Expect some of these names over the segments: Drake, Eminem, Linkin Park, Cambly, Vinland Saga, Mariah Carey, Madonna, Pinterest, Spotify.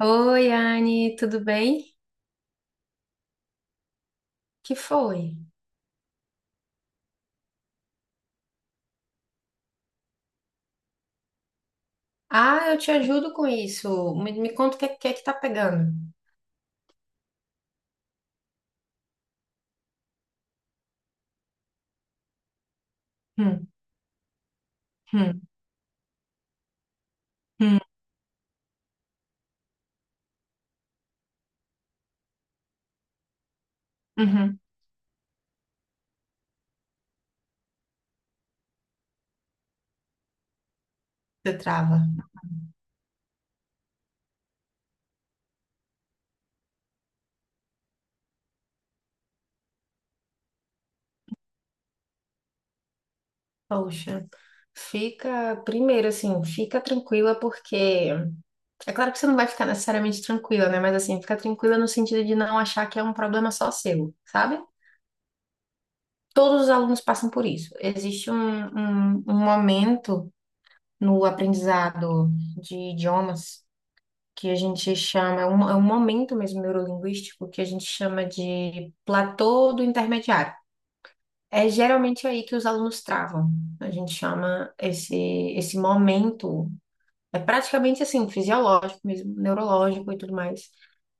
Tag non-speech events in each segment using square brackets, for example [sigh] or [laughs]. Oi, Anne, tudo bem? Que foi? Ah, eu te ajudo com isso. Me conta o que, é que tá pegando. Hum. Hum. Hum. Uhum. Você trava. Poxa, fica, primeiro assim, fica tranquila porque é claro que você não vai ficar necessariamente tranquila, né? Mas assim, fica tranquila no sentido de não achar que é um problema só seu, sabe? Todos os alunos passam por isso. Existe um momento no aprendizado de idiomas que a gente chama, é um momento mesmo neurolinguístico que a gente chama de platô do intermediário. É geralmente aí que os alunos travam. A gente chama esse momento, é praticamente assim, fisiológico mesmo, neurológico e tudo mais,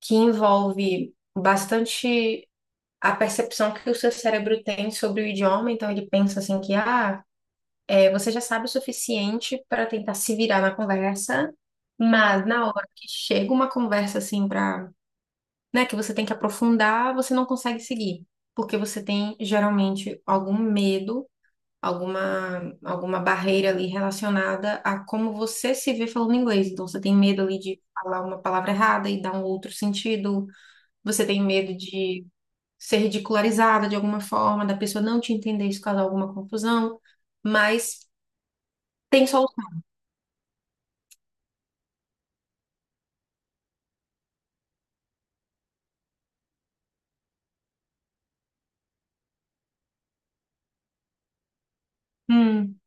que envolve bastante a percepção que o seu cérebro tem sobre o idioma. Então, ele pensa assim que, ah, é, você já sabe o suficiente para tentar se virar na conversa, mas na hora que chega uma conversa assim para né, que você tem que aprofundar, você não consegue seguir, porque você tem geralmente algum medo, alguma barreira ali relacionada a como você se vê falando inglês. Então você tem medo ali de falar uma palavra errada e dar um outro sentido, você tem medo de ser ridicularizada de alguma forma, da pessoa não te entender, isso causar alguma confusão, mas tem solução. Hum.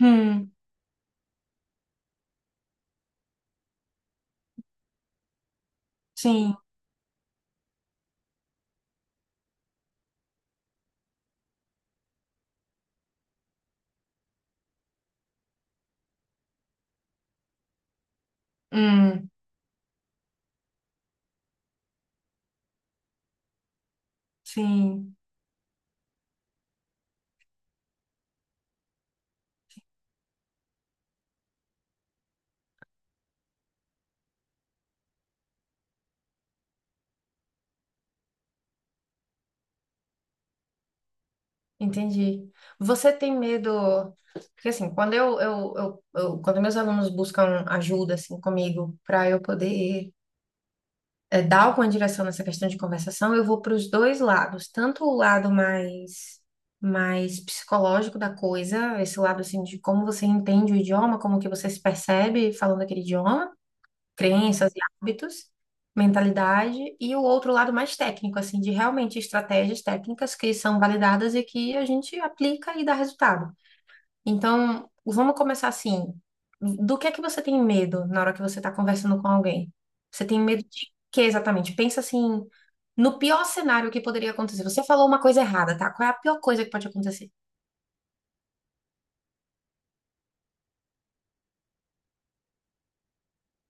Hum. Sim. Hum. Sim. Entendi. Você tem medo? Porque assim, quando eu- quando meus alunos buscam ajuda assim comigo para eu poder dar alguma direção nessa questão de conversação, eu vou para os dois lados, tanto o lado mais psicológico da coisa, esse lado assim de como você entende o idioma, como que você se percebe falando aquele idioma, crenças e hábitos, mentalidade, e o outro lado mais técnico, assim, de realmente estratégias técnicas que são validadas e que a gente aplica e dá resultado. Então, vamos começar assim. Do que é que você tem medo na hora que você está conversando com alguém? Você tem medo de quê exatamente? Pensa assim, no pior cenário que poderia acontecer. Você falou uma coisa errada, tá? Qual é a pior coisa que pode acontecer?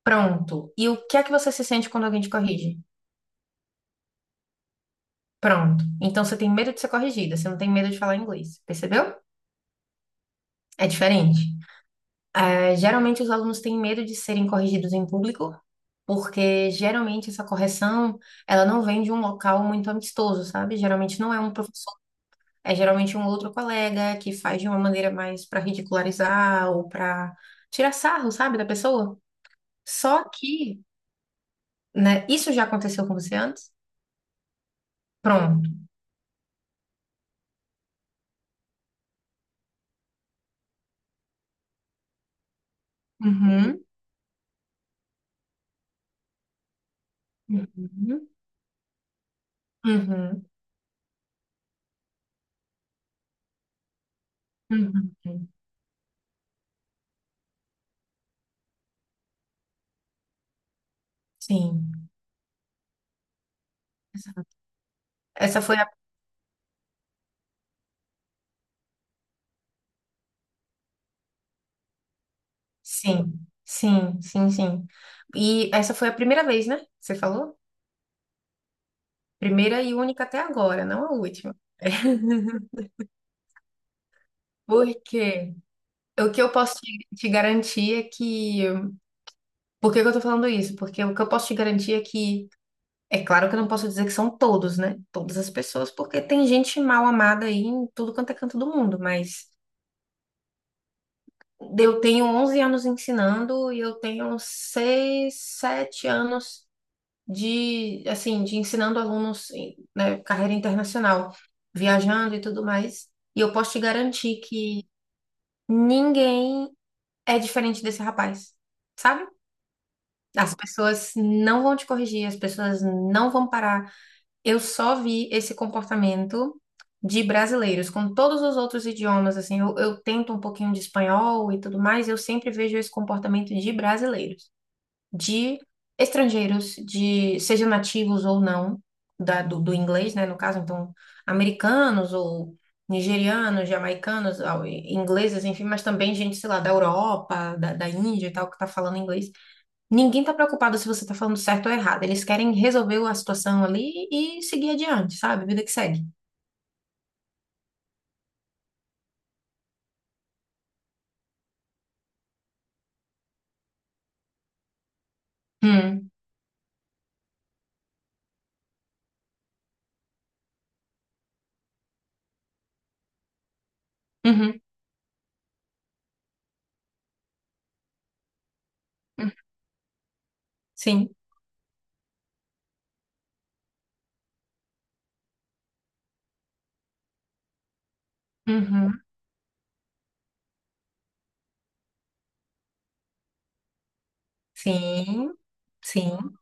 Pronto. E o que é que você se sente quando alguém te corrige? Pronto. Então você tem medo de ser corrigida, você não tem medo de falar inglês, percebeu? É diferente. É, geralmente os alunos têm medo de serem corrigidos em público, porque geralmente essa correção, ela não vem de um local muito amistoso, sabe? Geralmente não é um professor, é geralmente um outro colega que faz de uma maneira mais para ridicularizar ou para tirar sarro, sabe, da pessoa. Só que, né, isso já aconteceu com você antes? Pronto. Uhum. Uhum. Uhum. Uhum. Uhum. Sim. Essa essa foi a Sim, sim, sim, sim. E essa foi a primeira vez, né? Você falou? Primeira e única até agora, não a última. [laughs] Porque o que eu posso te, te garantir é que. Por que que eu tô falando isso? Porque o que eu posso te garantir é que, é claro que eu não posso dizer que são todos, né? Todas as pessoas, porque tem gente mal amada aí em tudo quanto é canto do mundo, mas eu tenho 11 anos ensinando e eu tenho 6, 7 anos de assim de ensinando alunos em, né, carreira internacional, viajando e tudo mais. E eu posso te garantir que ninguém é diferente desse rapaz, sabe? As pessoas não vão te corrigir, as pessoas não vão parar. Eu só vi esse comportamento de brasileiros com todos os outros idiomas, assim, eu tento um pouquinho de espanhol e tudo mais, eu sempre vejo esse comportamento de brasileiros de estrangeiros, de sejam nativos ou não do inglês, né? No caso, então, americanos ou nigerianos, jamaicanos, ah, e- ingleses, enfim, mas também gente, sei lá, da Europa, da Índia e tal, que tá falando inglês. Ninguém tá preocupado se você tá falando certo ou errado. Eles querem resolver a situação ali e seguir adiante, sabe? Vida que segue. Hum. Uhum. Uhum. Sim. Uhum. Sim, sim.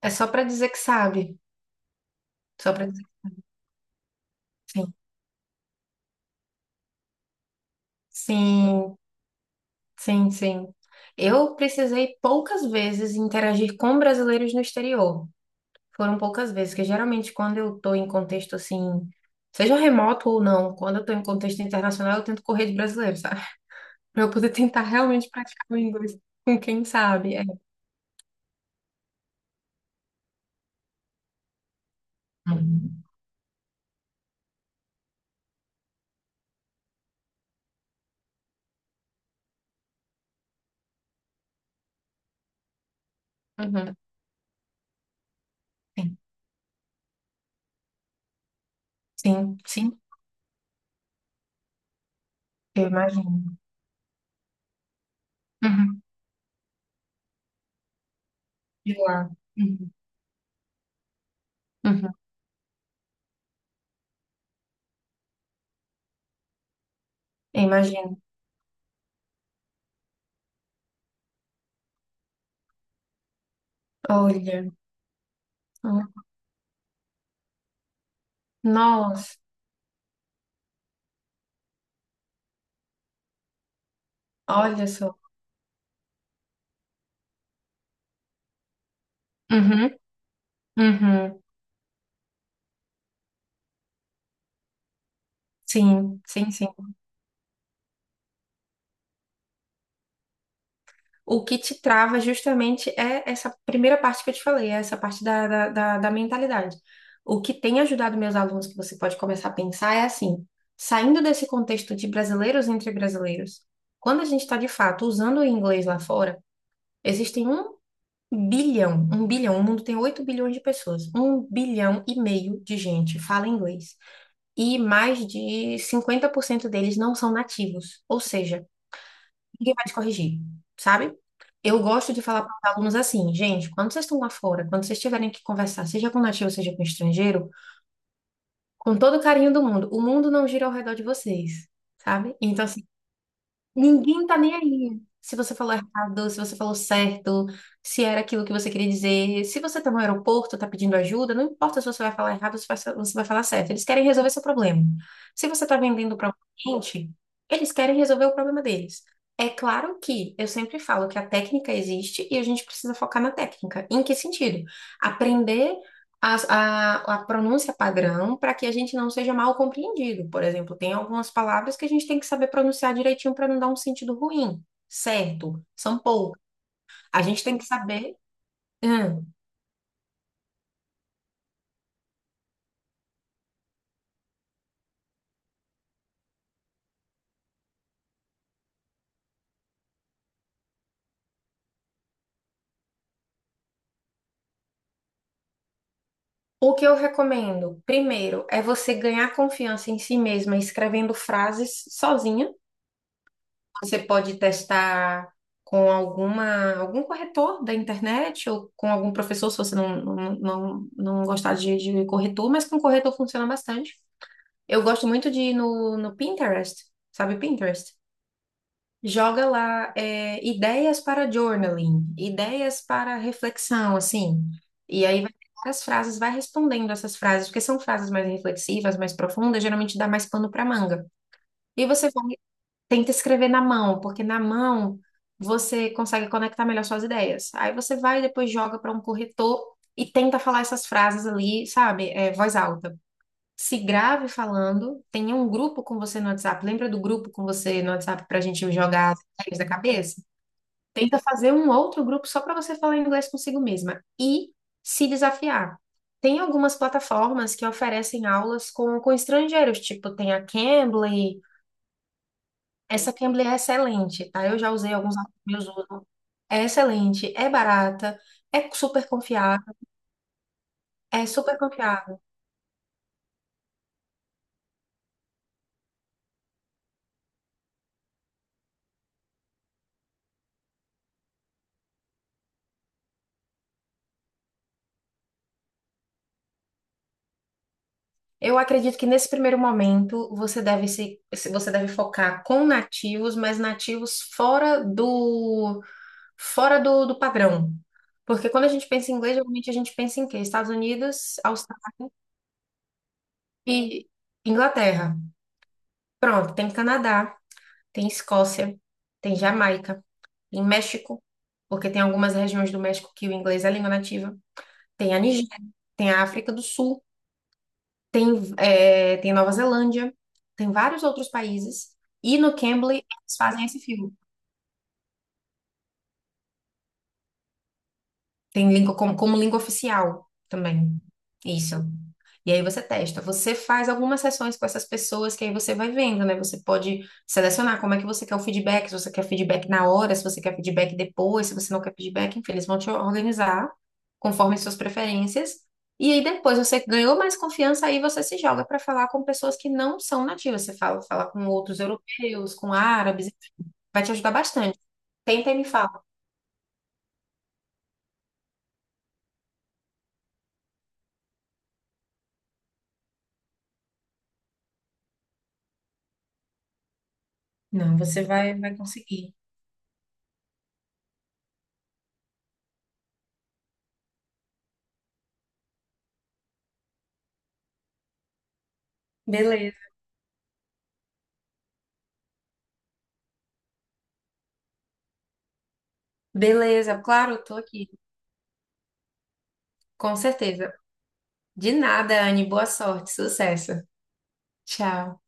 É só pra dizer que sabe. Só pra dizer que sim. Sim. Sim, sim. Eu precisei poucas vezes interagir com brasileiros no exterior. Foram poucas vezes, porque geralmente quando eu estou em contexto assim, seja remoto ou não, quando eu estou em contexto internacional, eu tento correr de brasileiro, sabe? [laughs] Para eu poder tentar realmente praticar o inglês com quem sabe. É. Uhum. Uhum. Sim, sim, sim, eu imagino. Uhum. De lá. Uhum. Uhum. Eu imagino. Olha. Nossa, olha só. Uhum. Uhum. Sim, sim, sim. O que te trava justamente é essa primeira parte que eu te falei, é essa parte da mentalidade. O que tem ajudado meus alunos, que você pode começar a pensar, é assim: saindo desse contexto de brasileiros entre brasileiros, quando a gente está de fato usando o inglês lá fora, existem um bilhão, o mundo tem 8 bilhões de pessoas, 1,5 bilhão de gente fala inglês. E mais de 50% deles não são nativos, ou seja, ninguém vai te corrigir, sabe? Eu gosto de falar para os alunos assim, gente, quando vocês estão lá fora, quando vocês tiverem que conversar, seja com nativo, seja com estrangeiro, com todo o carinho do mundo, o mundo não gira ao redor de vocês, sabe? Então, assim, ninguém tá nem aí. Se você falou errado, se você falou certo, se era aquilo que você queria dizer, se você tá no aeroporto, tá pedindo ajuda, não importa se você vai falar errado ou se vai- você vai falar certo. Eles querem resolver seu problema. Se você tá vendendo para um cliente, eles querem resolver o problema deles. É claro que eu sempre falo que a técnica existe e a gente precisa focar na técnica. Em que sentido? Aprender a, a pronúncia padrão para que a gente não seja mal compreendido. Por exemplo, tem algumas palavras que a gente tem que saber pronunciar direitinho para não dar um sentido ruim, certo? São poucas. A gente tem que saber. Hum. O que eu recomendo, primeiro, é você ganhar confiança em si mesma escrevendo frases sozinha. Você pode testar com alguma, algum corretor da internet ou com algum professor, se você não gostar de corretor, mas com corretor funciona bastante. Eu gosto muito de ir no Pinterest, sabe Pinterest? Joga lá é, ideias para journaling, ideias para reflexão, assim. E aí vai ter várias frases, vai respondendo essas frases, porque são frases mais reflexivas, mais profundas, geralmente dá mais pano para manga. E você vai, tenta escrever na mão, porque na mão você consegue conectar melhor suas ideias. Aí você vai e depois joga para um corretor e tenta falar essas frases ali, sabe? É, voz alta se grave falando, tenha um grupo com você no WhatsApp. Lembra do grupo com você no WhatsApp para a gente jogar as ideias da cabeça? Tenta fazer um outro grupo só para você falar inglês consigo mesma e se desafiar. Tem algumas plataformas que oferecem aulas com estrangeiros, tipo tem a Cambly. Essa Cambly é excelente, tá? Eu já usei alguns amigos meus usam. É excelente, é barata, é super confiável, é super confiável. Eu acredito que nesse primeiro momento você deve você deve focar com nativos, mas nativos fora do padrão. Porque quando a gente pensa em inglês, geralmente a gente pensa em quê? Estados Unidos, Austrália e Inglaterra. Pronto, tem Canadá, tem Escócia, tem Jamaica, tem México, porque tem algumas regiões do México que o inglês é a língua nativa. Tem a Nigéria, tem a África do Sul. Tem, é, tem Nova Zelândia, tem vários outros países. E no Cambly, eles fazem esse filme. Tem língua como língua oficial também. Isso. E aí você testa. Você faz algumas sessões com essas pessoas que aí você vai vendo, né? Você pode selecionar como é que você quer o feedback, se você quer feedback na hora, se você quer feedback depois, se você não quer feedback, enfim, eles vão te organizar conforme suas preferências. E aí depois você ganhou mais confiança, aí você se joga para falar com pessoas que não são nativas. Você fala, fala com outros europeus, com árabes, vai te ajudar bastante. Tenta e me fala. Não, você vai conseguir. Beleza. Beleza, claro, eu tô aqui. Com certeza. De nada, Anne. Boa sorte, sucesso. Tchau.